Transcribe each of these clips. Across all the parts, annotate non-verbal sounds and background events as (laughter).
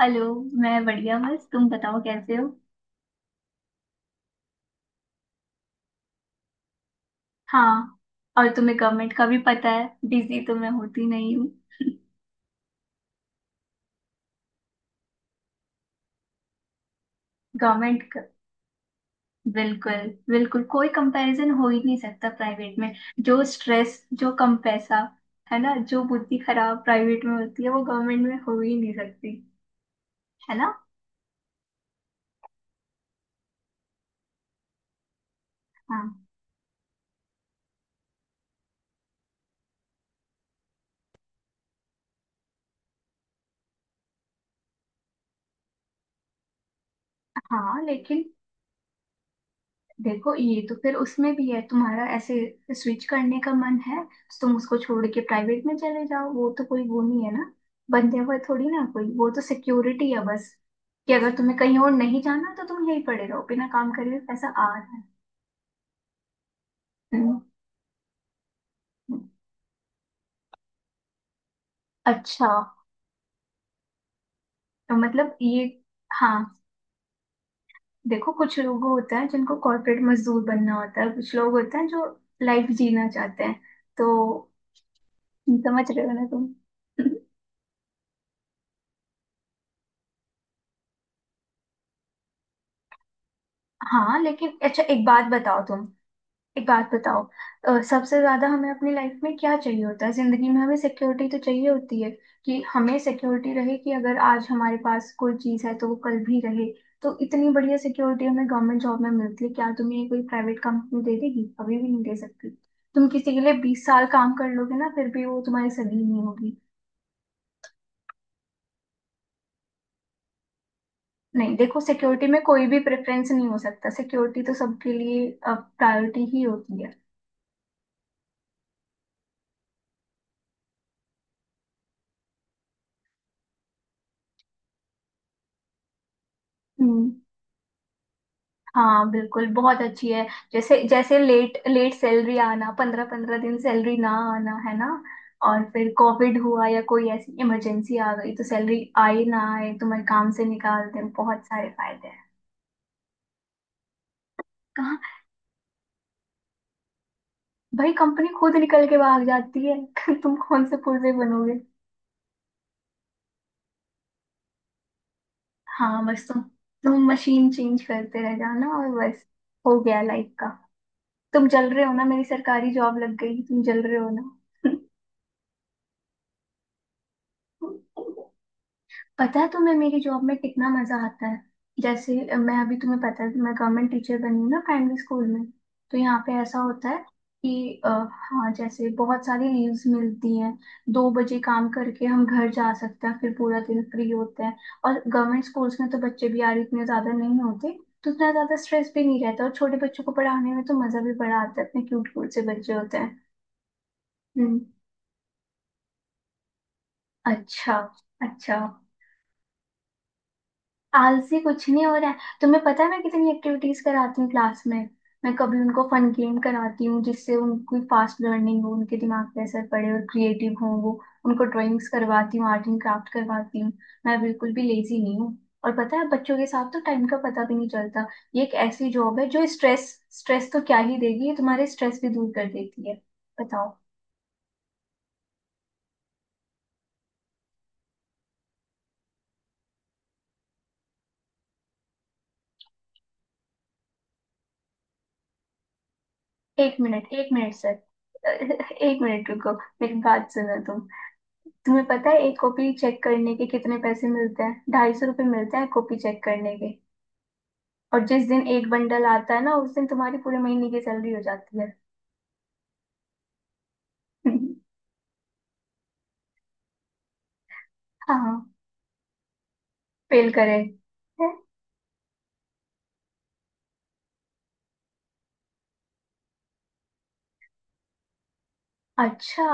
Hello. मैं बढ़िया। बस तुम बताओ कैसे हो? हाँ। और तुम्हें गवर्नमेंट का भी पता है, बिजी तो मैं होती नहीं हूँ। (laughs) गवर्नमेंट का। बिल्कुल। बिल्कुल कोई कंपैरिजन हो ही नहीं सकता प्राइवेट में। जो स्ट्रेस, जो कम पैसा है ना, जो बुद्धि खराब प्राइवेट में होती है वो गवर्नमेंट में हो ही नहीं सकती। है ना। हाँ। हाँ लेकिन देखो, ये तो फिर उसमें भी है तुम्हारा। ऐसे स्विच करने का मन है तो तुम उसको छोड़ के प्राइवेट में चले जाओ, वो तो कोई वो नहीं है ना। बंधे हुए थोड़ी ना कोई। वो तो सिक्योरिटी है बस, कि अगर तुम्हें कहीं और नहीं जाना तो तुम यहीं पड़े रहो, बिना काम करे हुए पैसा आ रहा है। हम्म। अच्छा। तो मतलब ये। हाँ देखो, कुछ लोग होते हैं जिनको कॉर्पोरेट मजदूर बनना होता है, कुछ लोग होते हैं जो लाइफ जीना चाहते हैं। तो समझ रहे हो ना तुम। (laughs) हाँ लेकिन अच्छा, एक बात बताओ। सबसे ज्यादा हमें अपनी लाइफ में क्या चाहिए होता है? जिंदगी में हमें सिक्योरिटी तो चाहिए होती है, कि हमें सिक्योरिटी रहे, कि अगर आज हमारे पास कोई चीज है तो वो कल भी रहे। तो इतनी बढ़िया सिक्योरिटी हमें गवर्नमेंट जॉब में मिलती है, क्या तुम्हें ये कोई प्राइवेट कंपनी दे देगी? कभी भी नहीं दे सकती। तुम किसी के लिए 20 साल काम कर लोगे ना फिर भी वो तुम्हारी सगी नहीं होगी। नहीं देखो, सिक्योरिटी में कोई भी प्रेफरेंस नहीं हो सकता, सिक्योरिटी तो सबके लिए प्रायोरिटी ही होती है। हम्म। हाँ बिल्कुल, बहुत अच्छी है। जैसे जैसे लेट लेट सैलरी आना, 15-15 दिन सैलरी ना आना, है ना। और फिर कोविड हुआ या कोई ऐसी इमरजेंसी आ गई तो सैलरी आए ना आए, तुम्हारे काम से निकाल दें, बहुत सारे फायदे हैं। कहाँ। भाई कंपनी खुद निकल के भाग जाती है, (laughs) तुम कौन से पुर्जे बनोगे। हाँ, बस तुम मशीन चेंज करते रह जाना और बस हो गया लाइफ का। तुम जल रहे हो ना, मेरी सरकारी जॉब लग गई, तुम जल रहे हो ना। (laughs) पता है तुम्हें मेरी जॉब में कितना मजा आता है। जैसे अ, मैं अभी तुम्हें पता है मैं गवर्नमेंट टीचर बनी हूँ ना, प्राइमरी स्कूल में। तो यहाँ पे ऐसा होता है कि हाँ, जैसे बहुत सारी लीव्स मिलती हैं। 2 बजे काम करके हम घर जा सकते हैं, फिर पूरा दिन फ्री होते हैं। और गवर्नमेंट स्कूल्स में तो बच्चे भी यार इतने ज्यादा नहीं होते। तो उतना ज्यादा स्ट्रेस भी नहीं रहता, और छोटे बच्चों को पढ़ाने में तो मजा भी बड़ा आता है, इतने क्यूट क्यूट से बच्चे होते हैं। हम्म। अच्छा। अच्छा, आलसी कुछ नहीं हो रहा है, तुम्हें पता है मैं कितनी एक्टिविटीज कराती हूँ क्लास में। मैं कभी उनको फन गेम कराती हूँ जिससे उनकी फास्ट लर्निंग हो, उनके दिमाग पे असर पड़े और क्रिएटिव हो वो। उनको ड्राइंग्स करवाती हूँ, आर्ट एंड क्राफ्ट करवाती हूँ। मैं बिल्कुल भी लेजी नहीं हूँ। और पता है, बच्चों के साथ तो टाइम का पता भी नहीं चलता। ये एक ऐसी जॉब है, जो स्ट्रेस स्ट्रेस तो क्या ही देगी, ये तुम्हारे स्ट्रेस भी दूर कर देती है। बताओ। एक मिनट, एक मिनट सर, (laughs) एक मिनट रुको, मेरी बात सुनो तुम। तुम्हें पता है एक कॉपी चेक करने के कितने पैसे मिलते हैं? 250 रुपये मिलते हैं कॉपी चेक करने के। और जिस दिन एक बंडल आता है ना, उस दिन तुम्हारी पूरे महीने की सैलरी हो जाती है। (laughs) हाँ, फेल करे। हैं? अच्छा,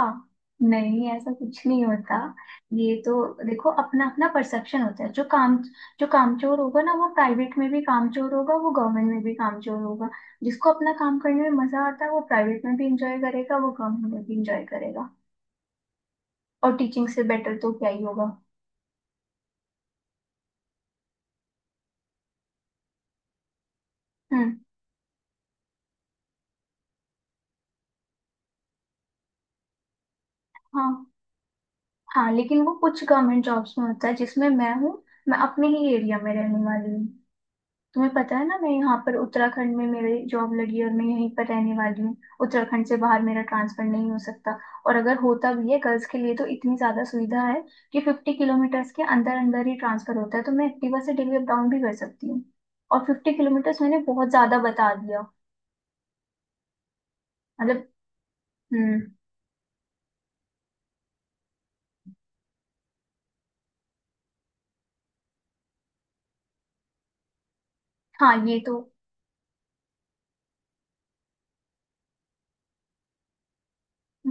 नहीं ऐसा कुछ नहीं होता, ये तो। देखो, अपना अपना परसेप्शन होता है। जो कामचोर होगा ना, वो प्राइवेट में भी कामचोर होगा, वो गवर्नमेंट में भी कामचोर होगा। जिसको अपना काम करने में मजा आता है वो प्राइवेट में भी इंजॉय करेगा, वो गवर्नमेंट में भी इंजॉय करेगा। और टीचिंग से बेटर तो क्या ही होगा। हम्म। हाँ। हाँ लेकिन वो कुछ गवर्नमेंट जॉब्स में होता है, जिसमें मैं हूँ। मैं अपने ही एरिया में रहने वाली हूँ। तुम्हें पता है ना, मैं यहाँ पर उत्तराखंड में मेरी जॉब लगी है और मैं यहीं पर रहने वाली हूँ। उत्तराखंड से बाहर मेरा ट्रांसफर नहीं हो सकता। और अगर होता भी है गर्ल्स के लिए तो इतनी ज्यादा सुविधा है कि 50 किलोमीटर्स के अंदर अंदर ही ट्रांसफर होता है, तो मैं एक्टिवा से डेली अप डाउन भी कर सकती हूँ। और 50 किलोमीटर्स मैंने बहुत ज्यादा बता दिया। मतलब। हम्म। हाँ ये तो।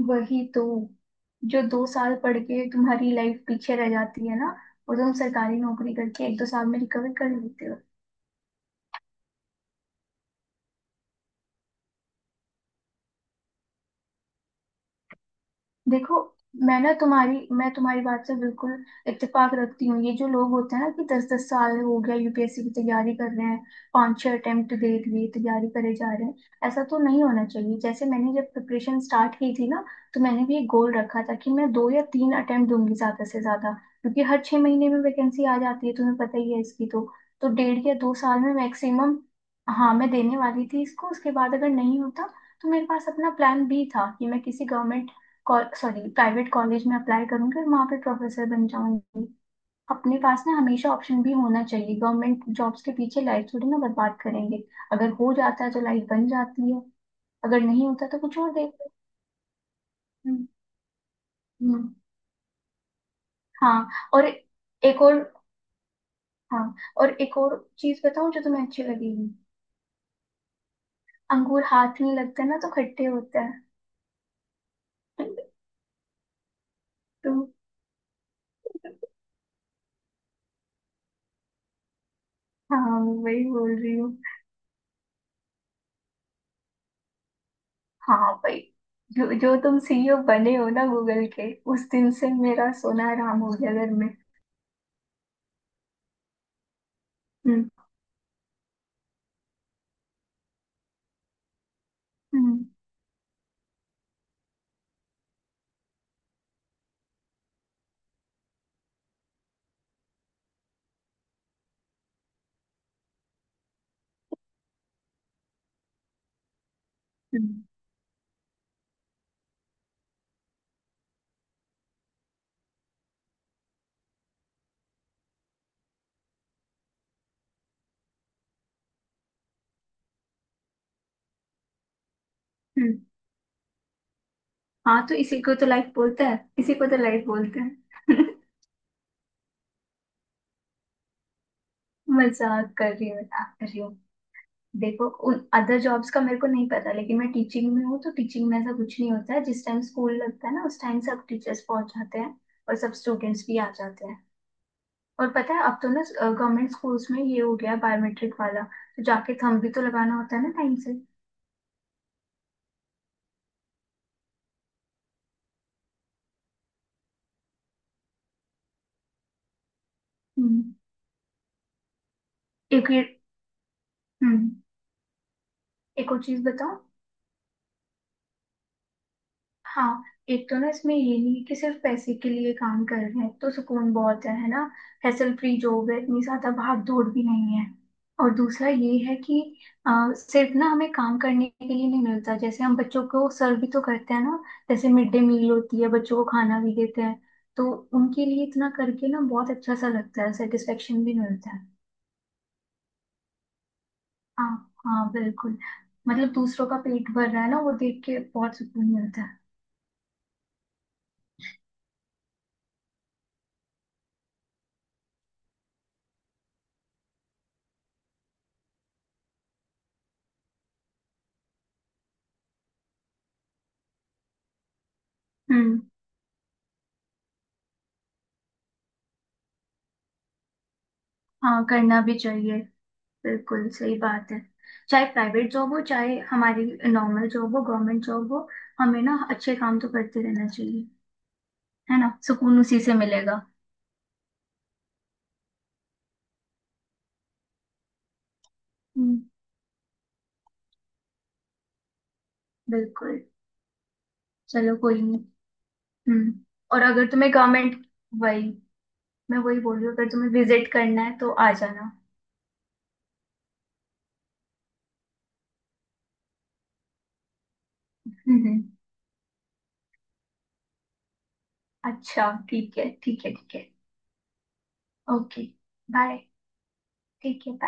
वही तो, जो 2 साल पढ़ के तुम्हारी लाइफ पीछे रह जाती है ना, वो तुम सरकारी नौकरी करके 1-2 साल में रिकवर कर लेते। देखो, मैं तुम्हारी बात से बिल्कुल इत्तेफाक रखती हूँ। ये जो लोग होते हैं ना, कि 10-10 साल हो गया यूपीएससी की तैयारी कर रहे हैं, 5-6 अटेम्प्ट दे दिए, तैयारी करे जा रहे हैं, ऐसा तो नहीं होना चाहिए। जैसे मैंने जब प्रिपरेशन स्टार्ट की थी ना, तो मैंने भी एक गोल रखा था कि मैं 2 या 3 अटेम्प्ट दूंगी ज्यादा से ज्यादा। क्योंकि हर 6 महीने में वैकेंसी आ जाती है, तुम्हें पता ही है इसकी तो। तो 1.5 या 2 साल में मैक्सिमम, हाँ मैं देने वाली थी इसको। उसके बाद अगर नहीं होता, तो मेरे पास अपना प्लान बी था कि मैं किसी गवर्नमेंट सॉरी प्राइवेट कॉलेज में अप्लाई करूंगी और वहां पे प्रोफेसर बन जाऊंगी। अपने पास ना हमेशा ऑप्शन भी होना चाहिए, गवर्नमेंट जॉब्स के पीछे लाइफ थोड़ी ना बर्बाद करेंगे। अगर हो जाता है तो लाइफ बन जाती है, अगर नहीं होता तो कुछ और देखो। हम्म। हम्म। हाँ। और। एक और। हाँ। और एक और चीज बताऊं जो तुम्हें अच्छी लगेगी। अंगूर हाथ में लगते हैं ना तो खट्टे होते हैं। (laughs) तो हाँ, वही बोल रही हूँ। हाँ भाई, जो जो तुम सीईओ बने हो ना गूगल के, उस दिन से मेरा सोना हराम हो गया घर में। हम्म। हम्म। हम्म। हम्म। हाँ, तो इसी को तो लाइफ बोलते हैं, इसी को तो लाइफ बोलते हैं। (laughs) मजाक कर रही हूँ, मजाक कर रही हूँ। देखो उन अदर जॉब्स का मेरे को नहीं पता, लेकिन मैं टीचिंग में हूँ तो टीचिंग में ऐसा कुछ नहीं होता है। जिस टाइम स्कूल लगता है ना, उस टाइम सब टीचर्स पहुंच जाते हैं और सब स्टूडेंट्स भी आ जाते हैं। और पता है, अब तो ना गवर्नमेंट स्कूल्स में ये हो गया बायोमेट्रिक वाला, तो जाके थंब भी तो लगाना होता है ना टाइम से। हम्म। एक ये। हम्म। एक और चीज बताओ। हाँ। एक तो ना इसमें ये नहीं है कि सिर्फ पैसे के लिए काम कर रहे हैं, तो सुकून बहुत है ना। हैसल फ्री जॉब है, इतनी ज्यादा भाग दौड़ भी नहीं है। और दूसरा ये है कि सिर्फ ना हमें काम करने के लिए नहीं मिलता, जैसे हम बच्चों को सर्व भी तो करते हैं ना। जैसे मिड डे मील होती है, बच्चों को खाना भी देते हैं। तो उनके लिए इतना करके ना बहुत अच्छा सा लगता है, सेटिस्फेक्शन भी मिलता है। हाँ। हाँ बिल्कुल। मतलब दूसरों का पेट भर रहा है ना, वो देख के बहुत सुकून मिलता है। हम्म। हाँ, करना भी चाहिए, बिल्कुल सही बात है। चाहे प्राइवेट जॉब हो, चाहे हमारी नॉर्मल जॉब हो, गवर्नमेंट जॉब हो, हमें ना अच्छे काम तो करते रहना चाहिए। है ना, सुकून उसी से मिलेगा। हम्म। बिल्कुल। चलो, कोई नहीं। हम्म। और अगर तुम्हें गवर्नमेंट। वही मैं वही बोल रही हूँ, अगर तुम्हें विजिट करना है तो आ जाना। हम्म। हम्म। अच्छा, ठीक है, ठीक है, ठीक है। ओके। बाय। ठीक है, bye.